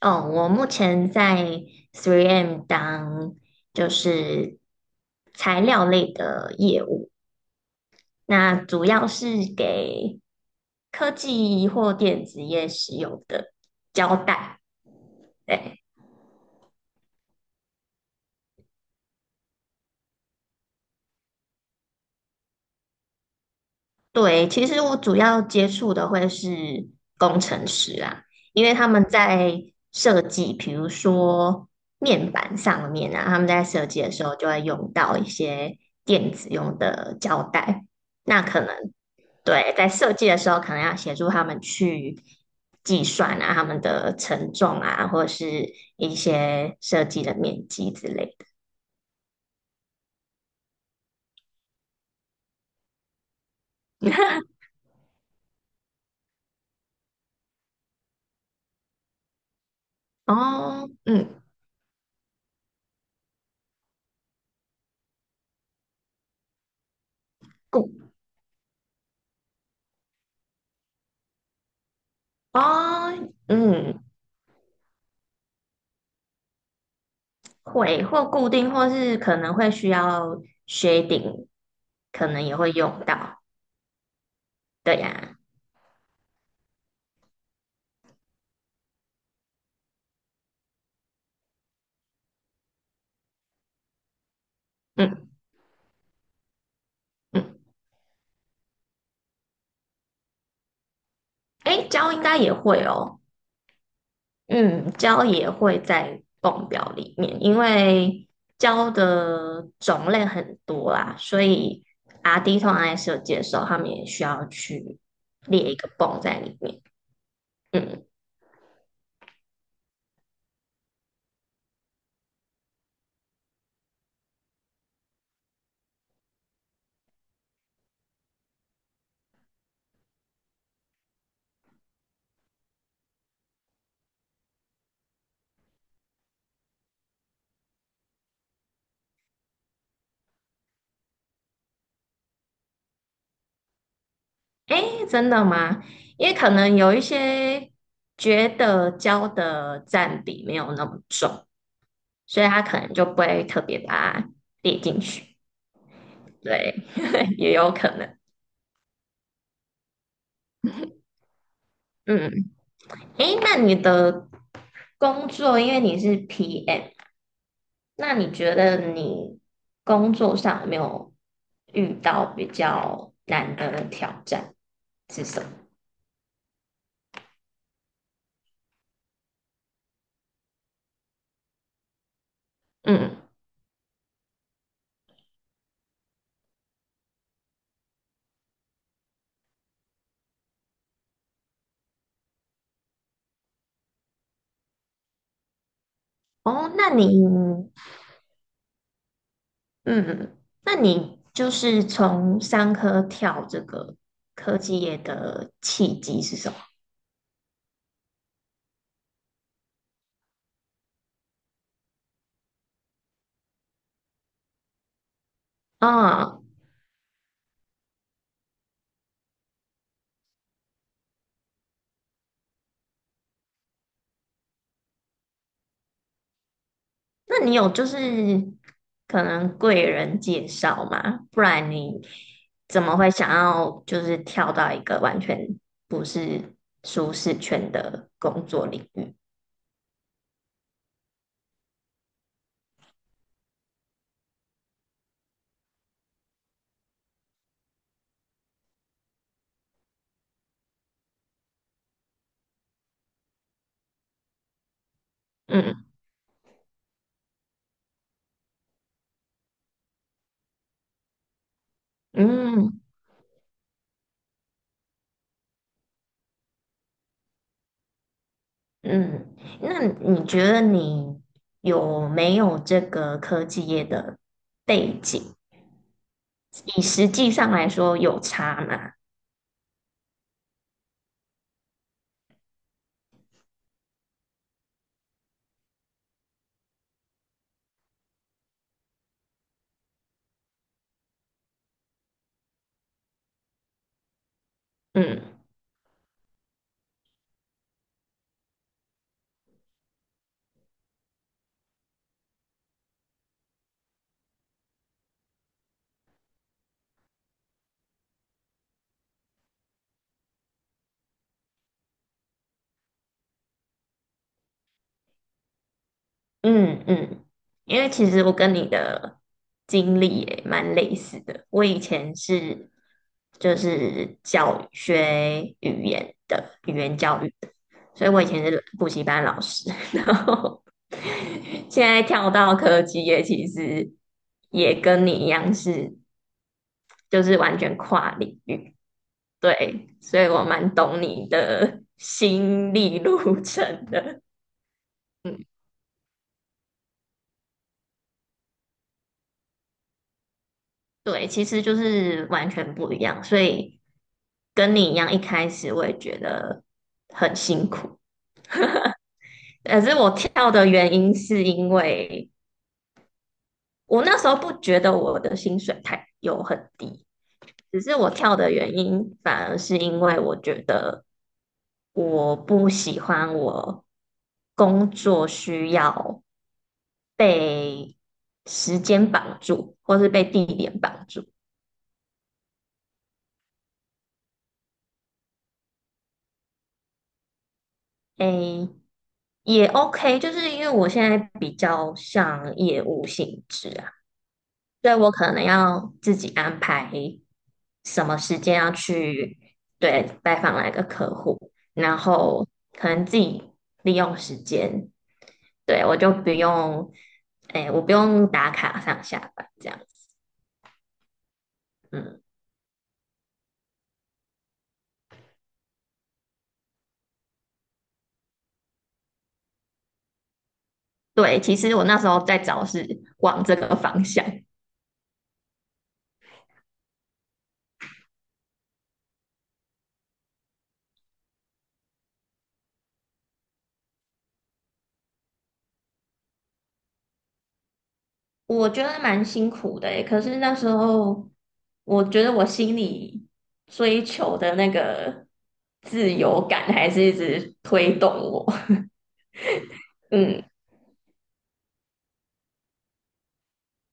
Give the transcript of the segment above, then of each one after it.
哦，我目前在 3M 当就是材料类的业务，那主要是给科技或电子业使用的胶带。对对，其实我主要接触的会是工程师啊，因为他们在设计，比如说面板上面啊，他们在设计的时候就会用到一些电子用的胶带。那可能对，在设计的时候，可能要协助他们去计算啊，他们的承重啊，或者是一些设计的面积之类的。哦，嗯，固哦，嗯，会或固定，或是可能会需要 shading，可能也会用到。对呀、嗯嗯，诶，胶应该也会哦。嗯，胶也会在泵表里面，因为胶的种类很多啦，所以 RD 通常在设计的时候他们也需要去列一个泵在里面。嗯，诶，真的吗？因为可能有一些觉得胶的占比没有那么重，所以他可能就不会特别把它列进去。对，也有可能。嗯，诶，那你的工作，因为你是 PM。那你觉得你工作上有没有遇到比较难的挑战是什么？嗯，哦，那你，嗯，那你就是从商科跳这个科技业的契机是什么？啊，那你有就是可能贵人介绍吗？不然你怎么会想要就是跳到一个完全不是舒适圈的工作领域？嗯嗯嗯，那你觉得你有没有这个科技业的背景？以实际上来说有差吗？嗯嗯嗯，因为其实我跟你的经历也蛮类似的。我以前是就是教育学语言的语言教育的，所以我以前是补习班老师，然后现在跳到科技业，其实也跟你一样是，就是完全跨领域。对，所以我蛮懂你的心理路程的。嗯，对，其实就是完全不一样，所以跟你一样，一开始我也觉得很辛苦。可是我跳的原因是因为我那时候不觉得我的薪水很低，只是我跳的原因反而是因为我觉得。我不喜欢我工作需要被时间绑住，或是被地点绑住。诶，也 OK，就是因为我现在比较像业务性质啊，所以我可能要自己安排什么时间要去对拜访哪个客户，然后可能自己利用时间，对，我就不用，诶，我不用打卡上下班这样子。嗯。对，其实我那时候在找是往这个方向，我觉得蛮辛苦的诶，可是那时候我觉得我心里追求的那个自由感还是一直推动我，嗯，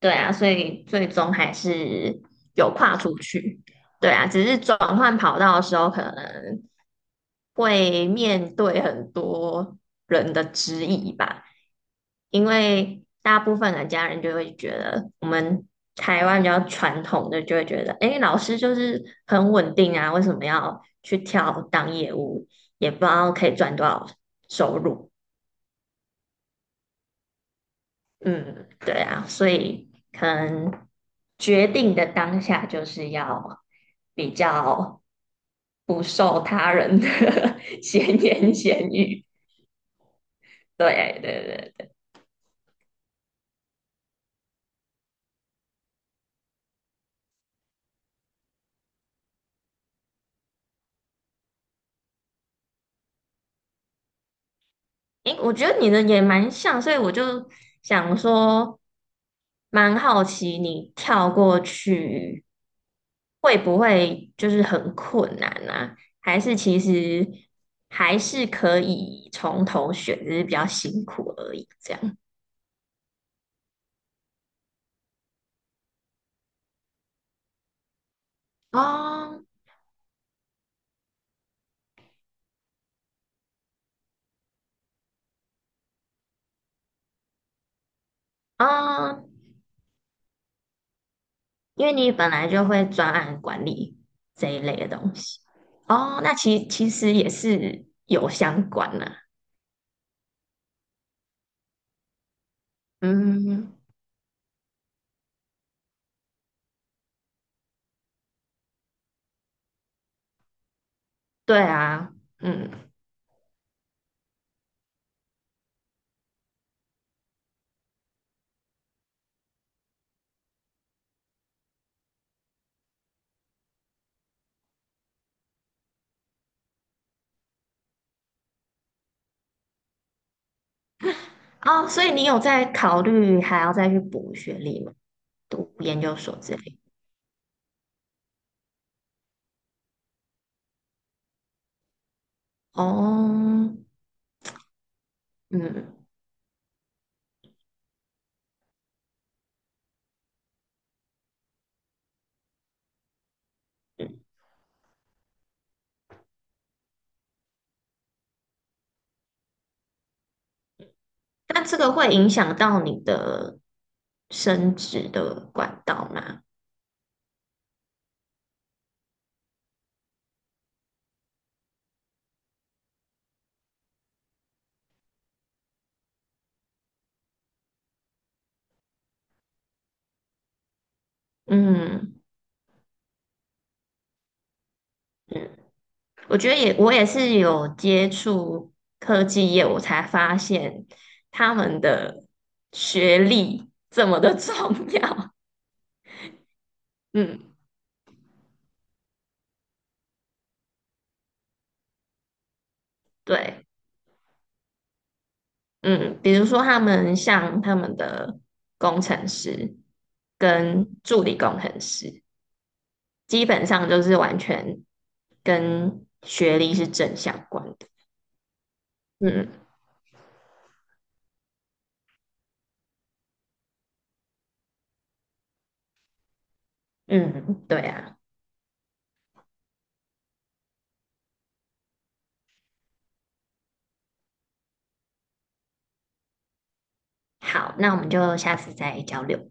对啊，所以最终还是有跨出去，对啊，只是转换跑道的时候可能会面对很多人的质疑吧，因为大部分的家人就会觉得我们台湾比较传统的就会觉得，诶，老师就是很稳定啊，为什么要去跳当业务？也不知道可以赚多少收入。嗯，对啊，所以可能决定的当下就是要比较不受他人的 闲言闲语。对对对。诶，我觉得你的也蛮像，所以我就想说，蛮好奇你跳过去会不会就是很困难啊？还是其实还是可以从头选，只是比较辛苦而已，这样。哦，哦，因为你本来就会专案管理这一类的东西。哦，那其实也是有相关的。嗯，对啊，嗯。哦，所以你有在考虑还要再去补学历吗？读研究所之类。哦，嗯，那这个会影响到你的升职的管道吗？嗯嗯，我觉得也，我也是有接触科技业，我才发现他们的学历这么的 重要。嗯，对。嗯，比如说他们像他们的工程师跟助理工程师，基本上就是完全跟学历是正相关的。嗯嗯，对啊。好，那我们就下次再交流。